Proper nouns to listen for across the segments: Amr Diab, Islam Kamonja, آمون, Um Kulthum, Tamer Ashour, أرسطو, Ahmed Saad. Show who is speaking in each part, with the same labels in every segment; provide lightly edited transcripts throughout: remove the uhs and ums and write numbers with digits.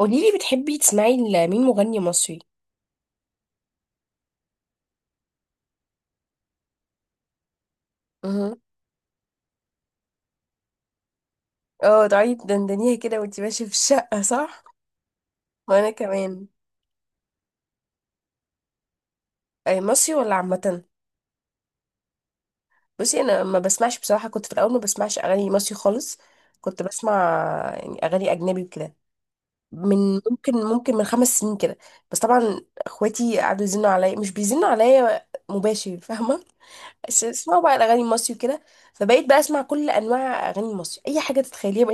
Speaker 1: قوليلي بتحبي تسمعي لمين مغني مصري مهم. اه، تقعدي تدندنيها كده وانتي ماشية في الشقة صح؟ وانا كمان. اي مصري ولا عامة؟ بصي، انا ما بسمعش بصراحة. كنت في الاول ما بسمعش اغاني مصري خالص، كنت بسمع يعني اغاني اجنبي وكده. من ممكن من خمس سنين كده. بس طبعا اخواتي قعدوا يزنوا عليا، مش بيزنوا عليا مباشر فاهمة، بس اسمعوا بقى الاغاني المصري وكده. فبقيت بقى اسمع كل انواع اغاني مصري، اي حاجة تتخيليها.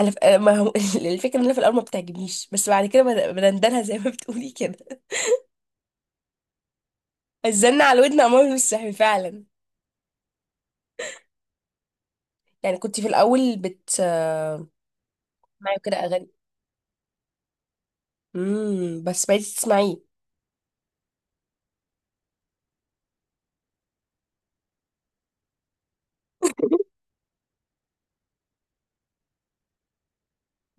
Speaker 1: ما هو الفكره ان انا في الاول ما بتعجبنيش، بس بعد كده بندلها زي ما بتقولي كده. الزن على ودن عمر مش صحي فعلا. يعني كنت في الاول بت آه، معي كده اغاني. بس بقيتي تسمعيه.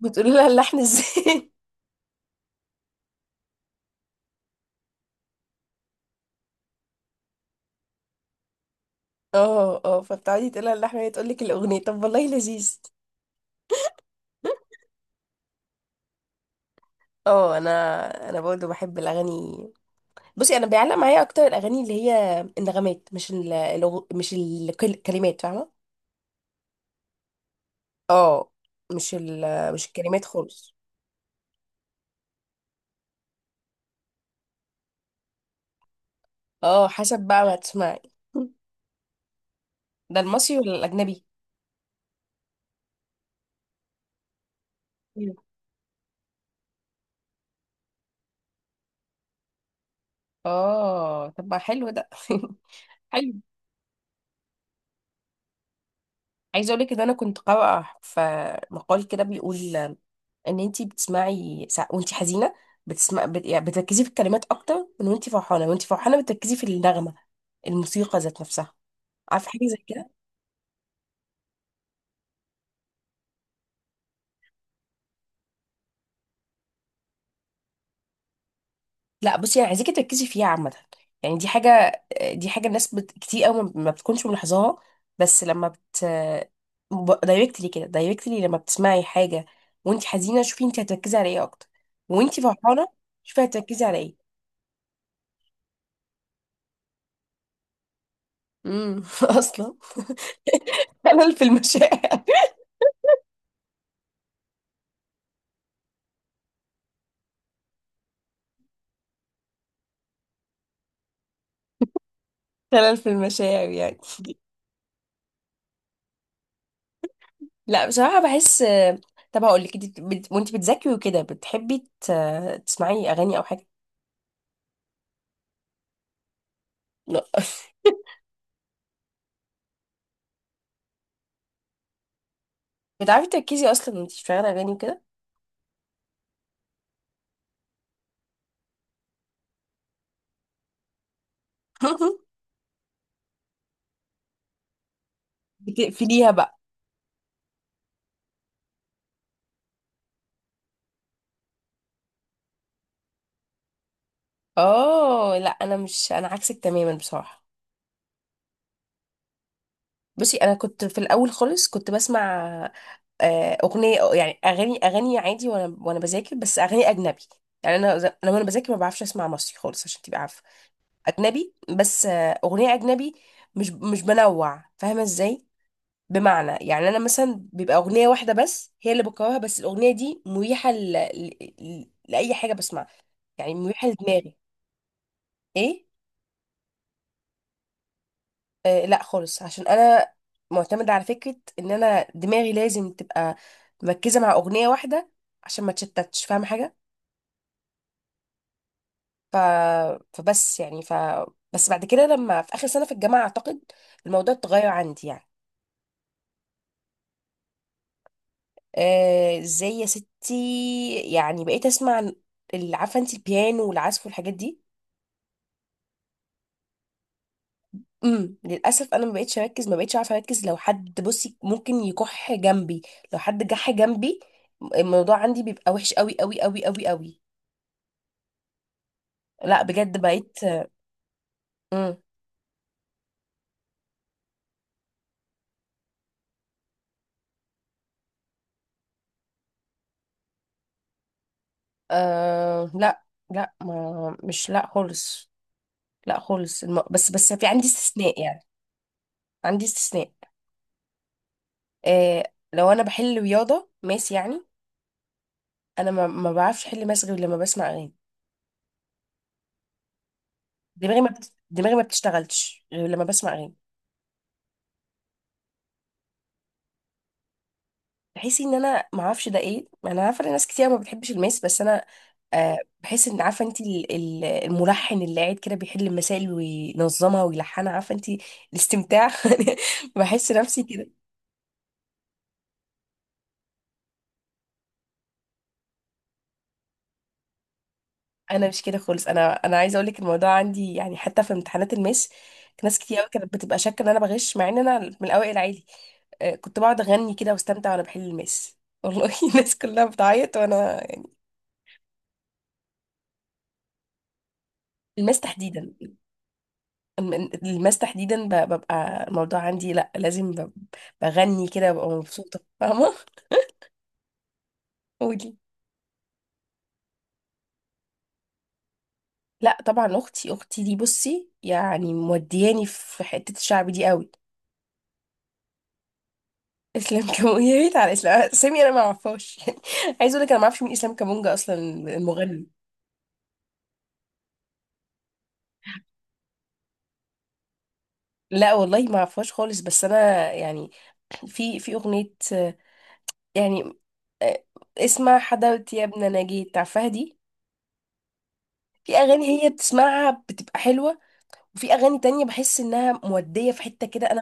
Speaker 1: بتقولي لها اللحن ازاي؟ اه فبتقعدي تقولي لها اللحن وهي تقول لك الاغنيه، طب والله لذيذ. اه، انا برضه بحب الاغاني. بصي انا بيعلق معايا اكتر الاغاني اللي هي النغمات، مش مش الكلمات فاهمه. اه، مش ال... مش الكلمات خالص. اه حسب بقى ما تسمعي، ده المصري ولا الاجنبي. مم. اه طب ما حلو ده. حلو. عايزه اقول لك ان انا كنت قارئه في مقال كده بيقول ان انتي بتسمعي وانتي حزينه يعني بتركزي في الكلمات اكتر من وانتي فرحانه، وانتي فرحانه بتركزي في النغمه، الموسيقى ذات نفسها. عارفه حاجه زي كده؟ لا بصي، يعني عايزاكي تركزي فيها عامة. يعني دي حاجة الناس كتير قوي ما بتكونش ملاحظاها. بس لما بت دايركتلي كده، دايركتلي لما بتسمعي حاجة وانت حزينة، شوفي انت هتركزي على ايه اكتر، وانت فرحانة شوفي هتركزي على ايه. امم اصلا خلل في المشاعر. خلل في المشاعر يعني. لا بصراحة بحس. طب هقول لك، وانت بتذاكري وكده بتحبي تسمعي اغاني او حاجة؟ لا. بتعرفي تركزي اصلا وانت بتشغلي اغاني وكده؟ بتقفليها بقى. اه لا انا مش، انا عكسك تماما بصراحه. بصي انا كنت في الاول خالص كنت بسمع اغنيه، يعني اغاني عادي وانا بذاكر، بس اغاني اجنبي. يعني انا انا وانا بذاكر ما بعرفش اسمع مصري خالص عشان تبقى عارفه. اجنبي بس، اغنيه اجنبي، مش بنوع فاهمه ازاي. بمعنى يعني انا مثلا بيبقى اغنيه واحده بس هي اللي بكرهها، بس الاغنيه دي مريحه لاي حاجه بسمعها، يعني مريحه لدماغي. ايه؟ آه لا خالص، عشان انا معتمده على فكره ان انا دماغي لازم تبقى مركزه مع اغنيه واحده عشان ما تشتتش فاهم حاجه. ف... فبس يعني، بس بعد كده لما في اخر سنه في الجامعه اعتقد الموضوع اتغير عندي يعني. آه، ازاي يا ستي؟ يعني بقيت اسمع عارفه انت البيانو والعزف والحاجات دي. امم، للاسف انا ما بقتش اركز، ما بقتش عارفه اركز. لو حد بصي ممكن يكح جنبي، لو حد جح جنبي الموضوع عندي بيبقى وحش قوي قوي قوي قوي قوي. لا بجد بقيت. مم. آه لا لا ما مش لا خالص بس بس في عندي استثناء يعني. عندي استثناء، آه، لو انا بحل رياضة ماس يعني. انا ما بعرفش احل ماس غير لما بسمع اغاني. دماغي ما بتشتغلش غير لما بسمع اغاني. بحس ان انا ما اعرفش ده ايه، انا عارفه ان ناس كتير ما بتحبش الماس، بس انا آه بحس ان عارفه انت الملحن اللي قاعد كده بيحل المسائل وينظمها ويلحنها، عارفه انت الاستمتاع. بحس نفسي كده. انا مش كده خالص، انا عايزه اقول لك الموضوع عندي يعني حتى في امتحانات الماس ناس كتير قوي كانت بتبقى شاكه ان انا بغش، مع ان انا من الاوائل عادي. آه، كنت بقعد اغني كده واستمتع وانا بحل الماس، والله. الناس كلها بتعيط وانا يعني. الماس تحديدا، الماس تحديدا ببقى الموضوع عندي، لا لازم بغني كده ببقى مبسوطة. فاهمة. قولي. لا طبعا، اختي دي بصي يعني مودياني في حتة الشعب دي قوي. اسلام كامونجا يا ريت، على اسلام سامي انا ما اعرفهاش. يعني عايز اقول لك انا ما اعرفش مين اسلام كامونجا اصلا المغني. لا والله ما اعرفهاش خالص، بس انا يعني في اغنية، يعني آه، اسمع حدوتي يا ابن نجيت، عارفاها دي. في اغاني هي بتسمعها بتبقى حلوة، وفي اغاني تانية بحس انها مودية في حتة كده. انا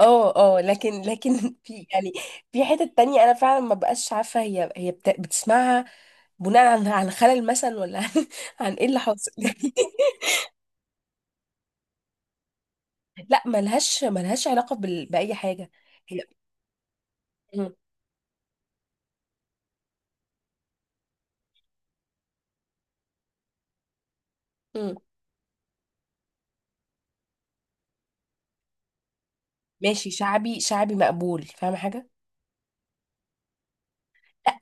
Speaker 1: اه لكن في يعني في حتة تانية انا فعلا ما بقاش عارفة بتسمعها بناء عن خلل مثلا ولا عن، عن ايه اللي حاصل. لا ملهاش علاقة بأي حاجة. هي. مم. مم. ماشي، شعبي شعبي مقبول فاهمة حاجة.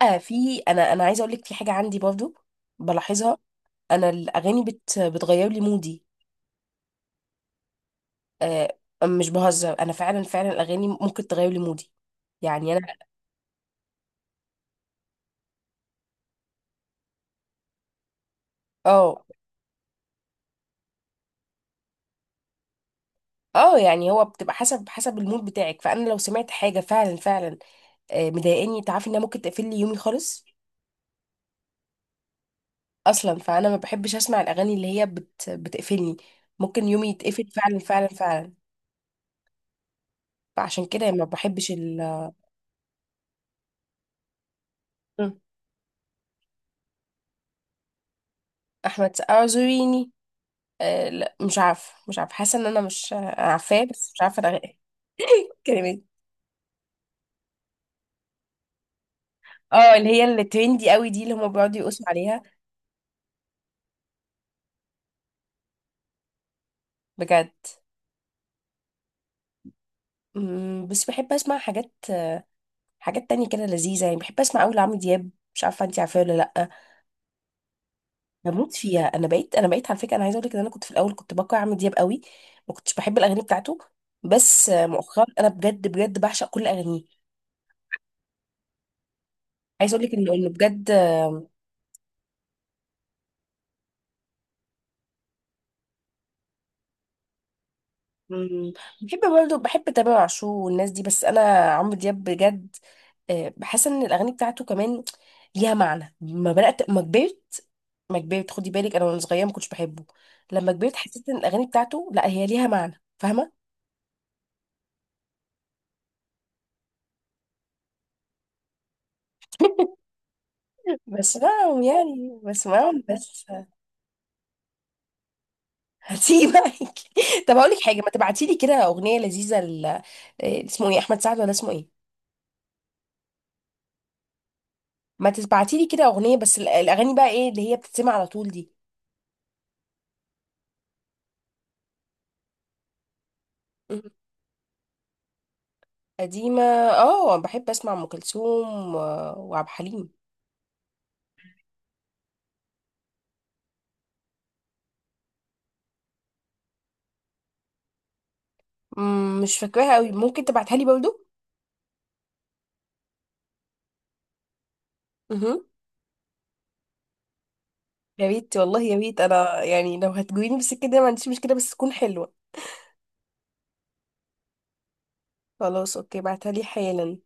Speaker 1: لا في، انا عايزة اقول لك في حاجة عندي برضو بلاحظها. انا الاغاني بتغير لي مودي. آه، مش بهزر، انا فعلا فعلا الاغاني ممكن تغير لي مودي. يعني انا اه. اه يعني هو بتبقى حسب، حسب المود بتاعك. فانا لو سمعت حاجه فعلا فعلا آه مضايقاني، تعرفي انها ممكن تقفل لي يومي خالص. اصلا فانا ما بحبش اسمع الاغاني اللي هي بتقفلني، ممكن يومي يتقفل فعلا فعلا فعلا. فعشان كده ما بحبش ال. مم. احمد سقا اعذريني. آه لا، مش عارفه، مش عارفه، حاسه ان انا مش عارفاه، بس مش عارفه الكلمات. اه، اللي هي اللي ترندي قوي دي اللي هم بيقعدوا يقصوا عليها. بجد. مم، بس بحب اسمع حاجات، حاجات تانية كده لذيذة. يعني بحب اسمع قوي لعمرو دياب، مش عارفة انتي عارفاه ولا لأ. بموت فيها انا. بقيت على فكرة. انا عايزة اقول لك ان انا كنت في الاول كنت بكره عمرو دياب قوي، ما كنتش بحب الاغاني بتاعته، بس مؤخرا انا بجد بجد بعشق كل اغانيه. عايزة اقول لك انه بجد. مم، بحب برضه بحب تامر عاشور والناس دي، بس انا عمرو دياب بجد، آه، بحس ان الاغاني بتاعته كمان ليها معنى. ما كبرت، خدي بالك، انا وانا صغيره ما كنتش بحبه، لما كبرت حسيت ان الاغاني بتاعته لا، هي ليها معنى فاهمه. بسمعهم يعني، بسمعهم بس. هسيبك. طب هقول لك حاجه، ما تبعتي لي كده اغنيه لذيذه إيه اسمه ايه احمد سعد ولا اسمه ايه؟ ما تبعتي لي كده اغنيه، بس الاغاني بقى ايه اللي هي بتتسمع على طول دي. مم. قديمه. اه بحب اسمع ام كلثوم وعبد الحليم. مم، مش فاكراها قوي، ممكن تبعتها لي برضو. مهم. يا ريت والله يا ريت، انا يعني لو هتجويني بالسكه دي أنا ما عنديش مشكله بس تكون حلوه. خلاص اوكي، بعتها لي حالا.